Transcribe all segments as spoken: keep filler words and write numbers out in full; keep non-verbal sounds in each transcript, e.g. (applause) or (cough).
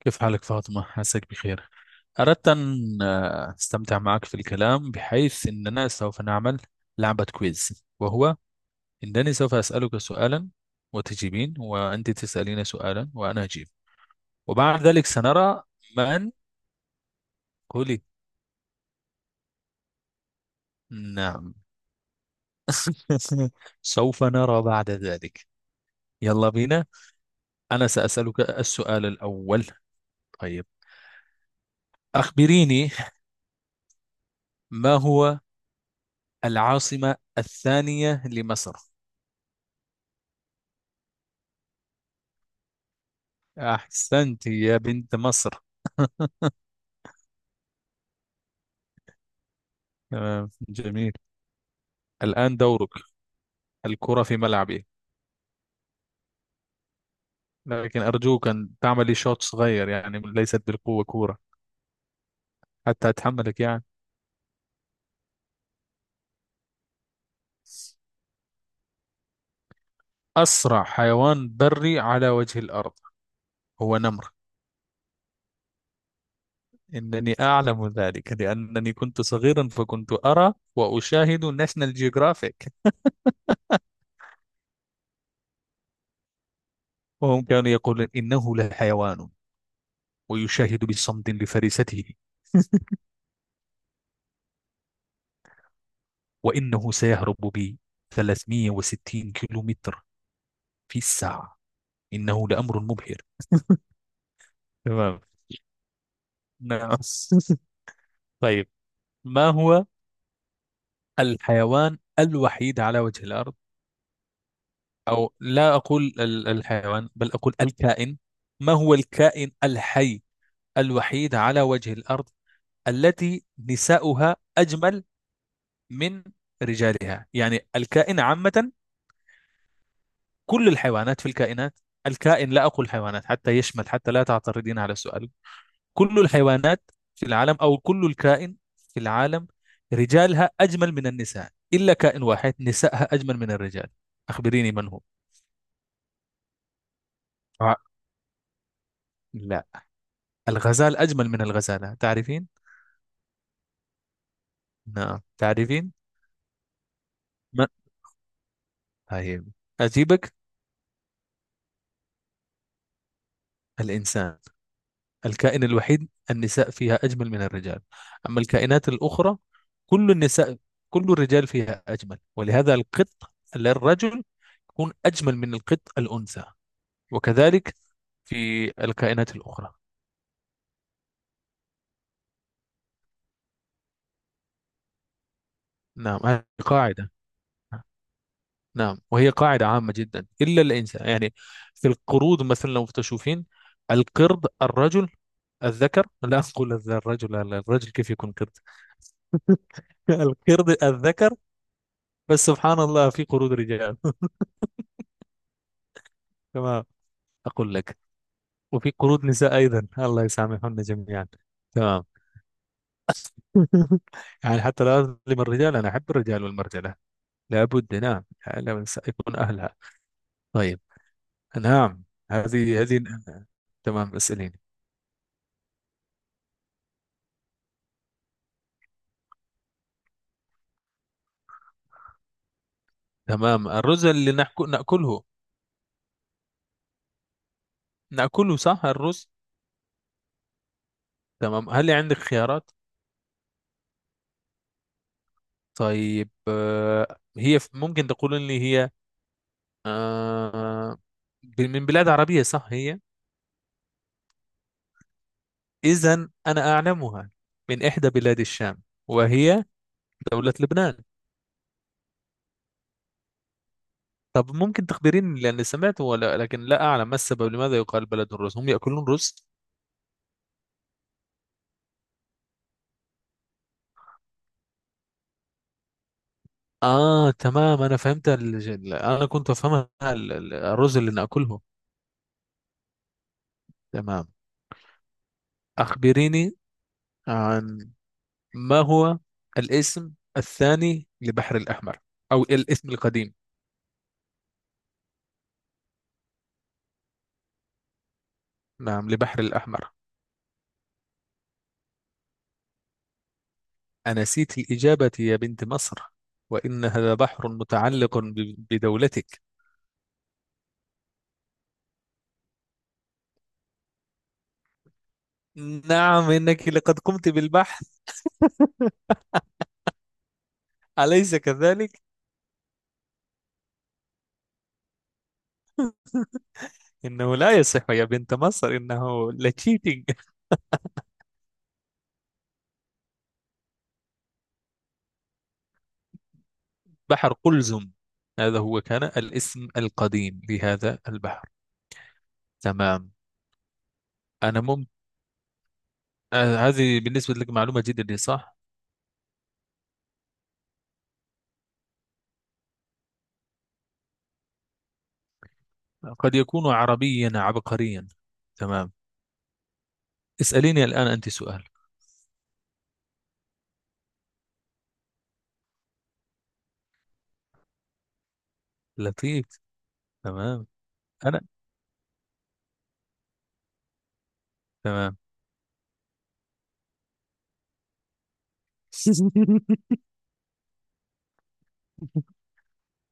كيف حالك فاطمة؟ عساك بخير. أردت أن آه، أستمتع معك في الكلام بحيث أننا سوف نعمل لعبة كويز، وهو أنني سوف أسألك سؤالا وتجيبين، وأنت تسألين سؤالا وأنا أجيب، وبعد ذلك سنرى من. قولي. نعم. (laughs) سوف نرى بعد ذلك. يلا بينا. أنا سأسألك السؤال الأول. طيب، أخبريني، ما هو العاصمة الثانية لمصر؟ أحسنت يا بنت مصر. (laughs) تمام، جميل. الآن دورك، الكرة في ملعبي، لكن أرجوك أن تعملي شوط صغير، يعني ليست بالقوة كورة، حتى أتحملك يعني. أسرع حيوان بري على وجه الأرض هو نمر. إنني أعلم ذلك لأنني كنت صغيرا فكنت أرى وأشاهد ناشونال جيوغرافيك، وهم كانوا يقولون إنه لحيوان ويشاهد بصمت لفريسته، وإنه سيهرب بي 360 كيلومتر في الساعة. إنه لأمر مبهر. تمام. نعم. (laughs) طيب، ما هو الحيوان الوحيد على وجه الأرض؟ أو لا أقول ال- الحيوان، بل أقول الكائن. ما هو الكائن الحي الوحيد على وجه الأرض التي نساؤها أجمل من رجالها؟ يعني الكائن عامة، كل الحيوانات في الكائنات، الكائن، لا أقول حيوانات حتى يشمل، حتى لا تعترضين على السؤال. كل الحيوانات في العالم، أو كل الكائن في العالم، رجالها أجمل من النساء، إلا كائن واحد نسائها أجمل من الرجال. أخبريني من هو. آه. لا، الغزال أجمل من الغزالة، تعرفين؟ نعم، تعرفين؟ ما. طيب، أجيبك: الإنسان، الكائن الوحيد النساء فيها أجمل من الرجال. أما الكائنات الأخرى، كل النساء، كل الرجال فيها أجمل، ولهذا القط للرجل يكون أجمل من القط الأنثى، وكذلك في الكائنات الأخرى. نعم، هذه قاعدة. نعم، وهي قاعدة عامة جدا، إلا الإنسان يعني. في القرود مثلا، لو تشوفين القرد الرجل الذكر، لا أقول الذ- الرجل، لا لا، الرجل كيف يكون قرد؟ (laughs) القرد الذكر. بس سبحان الله، في قرود رجال. (laughs) تمام، أقول لك، وفي قرود نساء أيضا، الله يسامحنا جميعا. تمام. (laughs) يعني حتى لا أظلم الرجال، أنا أحب الرجال والمرجلة، لابد، نعم، لا يكون أهلها. طيب. نعم. هذه هذه. تمام، اسأليني. تمام، الرز اللي نأكل نأكله، نأكله، صح، الرز. تمام، هل عندك خيارات؟ طيب، آه، هي ف- ممكن تقول لي هي، آه، ب- من بلاد عربية صح هي؟ إذا أنا أعلمها، من إحدى بلاد الشام، وهي دولة لبنان. طب ممكن تخبريني، لأني سمعت ولا، لكن لا أعلم ما السبب، لماذا يقال بلد الرز؟ هم يأكلون رز؟ اه، تمام، انا فهمت ال... ال- انا كنت افهمها ال- ال- الرز اللي ناكله. تمام، اخبريني عن، ما هو الاسم الثاني لبحر الاحمر، او الاسم القديم؟ نعم، لبحر الاحمر. انسيت الاجابه يا بنت مصر، وان هذا بحر متعلق ب- بدولتك. نعم، انك لقد قمت بالبحث، اليس كذلك؟ انه لا يصح يا بنت مصر، انه لتشيتنج. بحر قلزم، هذا هو كان الاسم القديم لهذا البحر. تمام. أنا مم... آه، هذه بالنسبة لك معلومة جديدة صح؟ قد يكون عربيا عبقريا. تمام، اسأليني الآن أنت سؤال لطيف. تمام، أنا. تمام. (laughs)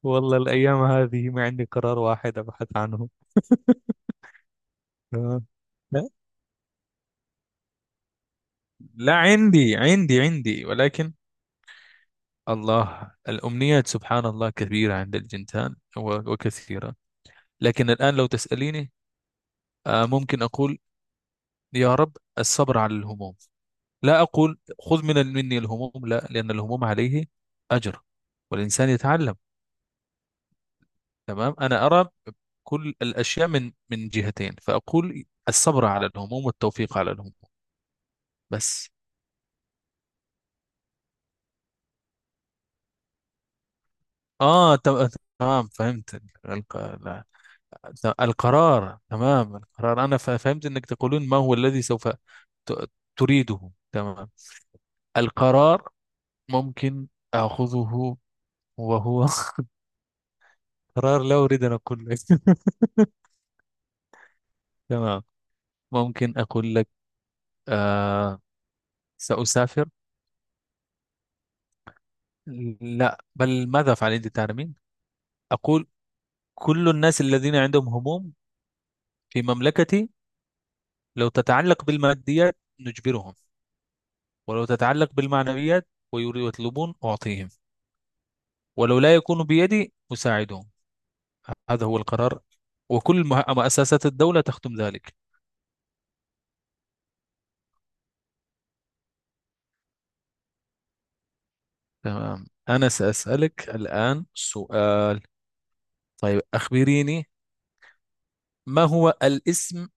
والله الأيام هذه ما عندي قرار واحد أبحث عنه. تمام. لا، لا، عندي عندي عندي، ولكن الله الأمنيات سبحان الله كبيرة عند الجنتان و- وكثيرة، لكن الآن لو تسأليني، آه، ممكن أقول: يا رب الصبر على الهموم. لا أقول خذ من مني الهموم، لا، لأن الهموم عليه أجر، والإنسان يتعلم. تمام، أنا أرى كل الأشياء من من جهتين، فأقول الصبر على الهموم والتوفيق على الهموم. بس. آه ت- تمام، فهمت. الق- لا، ت- القرار، تمام، القرار أنا ف- فهمت أنك تقولون ما هو الذي سوف ت- تريده، تمام. القرار ممكن أخذه وهو، (laughs) قرار لا أريد أن أقول لك. (laughs) تمام، ممكن أقول لك، آه سأسافر، لا، بل ماذا أفعل؟ أنت تعلمين. أقول كل الناس الذين عندهم هموم في مملكتي، لو تتعلق بالماديات نجبرهم، ولو تتعلق بالمعنويات ويري- ويطلبون أعطيهم، ولو لا يكون بيدي أساعدهم. هذا هو القرار، وكل مه- مؤسسات الدولة تختم ذلك. تمام، أنا سأسألك الآن سؤال. طيب، أخبريني، ما هو الاسم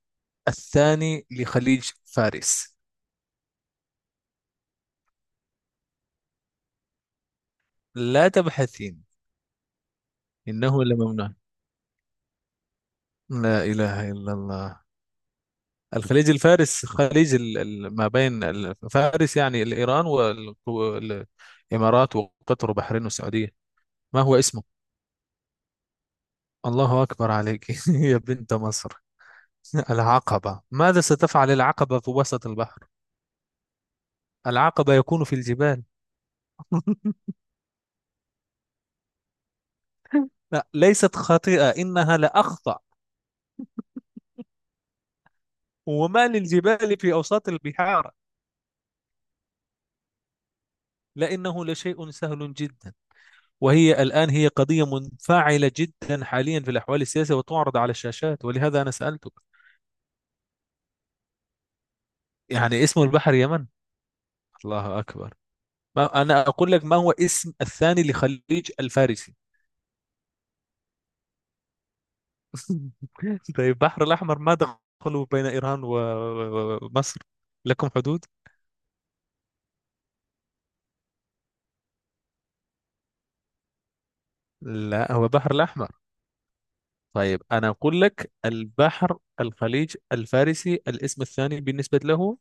الثاني لخليج فارس؟ لا تبحثين، إنه لممنوع، لا إله إلا الله. الخليج الفارس، خليج ال- ال- ما بين ال- فارس يعني الإيران، والإمارات وقطر وبحرين والسعودية، ما هو اسمه؟ الله أكبر عليك. (laughs) يا بنت مصر. (laughs) العقبة؟ ماذا ستفعل العقبة في وسط البحر؟ العقبة يكون في الجبال. (laughs) لا، ليست خاطئة، إنها لأخطأ. وما للجبال في أوساط البحار؟ لأنه لشيء سهل جدا، وهي الآن هي قضية منفعلة جدا حاليا في الأحوال السياسية وتعرض على الشاشات، ولهذا أنا سألتك. يعني اسم البحر يمن؟ الله أكبر، ما أنا أقول لك ما هو اسم الثاني لخليج الفارسي. (laughs) طيب، البحر الأحمر، ما دخلوا بين إيران و- ومصر؟ لكم حدود. لا، هو بحر الأحمر. طيب، أنا أقول لك البحر الخليج الفارسي الاسم الثاني بالنسبة له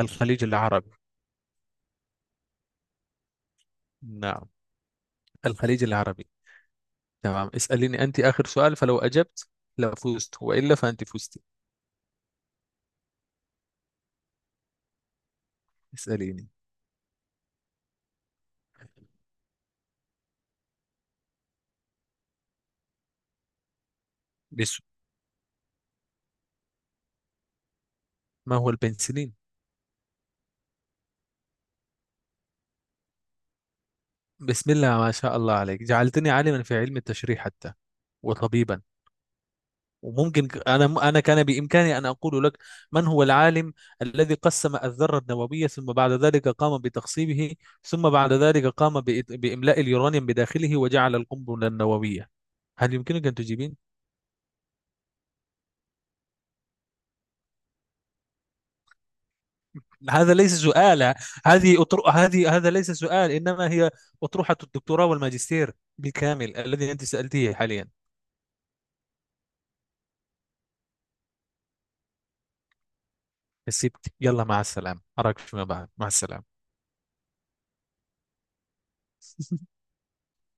الخليج العربي. نعم، الخليج العربي. تمام، اسأليني أنت آخر سؤال، فلو أجبت لفزت، وإلا فأنت فزت. اسأليني. بس ما هو البنسلين؟ بسم الله ما شاء الله عليك، جعلتني عالما في علم التشريح حتى، وطبيبا. وممكن ك- أنا أنا كان بإمكاني أن أقول لك من هو العالم الذي قسم الذرة النووية، ثم بعد ذلك قام بتقسيمه، ثم بعد ذلك قام بإت- بإملاء اليورانيوم بداخله وجعل القنبلة النووية. هل يمكنك أن تجيبين؟ هذا ليس سؤال. هذه أطر... هذه هذا ليس سؤال، إنما هي أطروحة الدكتوراه والماجستير بالكامل الذي أنت سألتيه حاليا. كسبت، يلا مع السلامة، أراك فيما بعد، مع السلامة.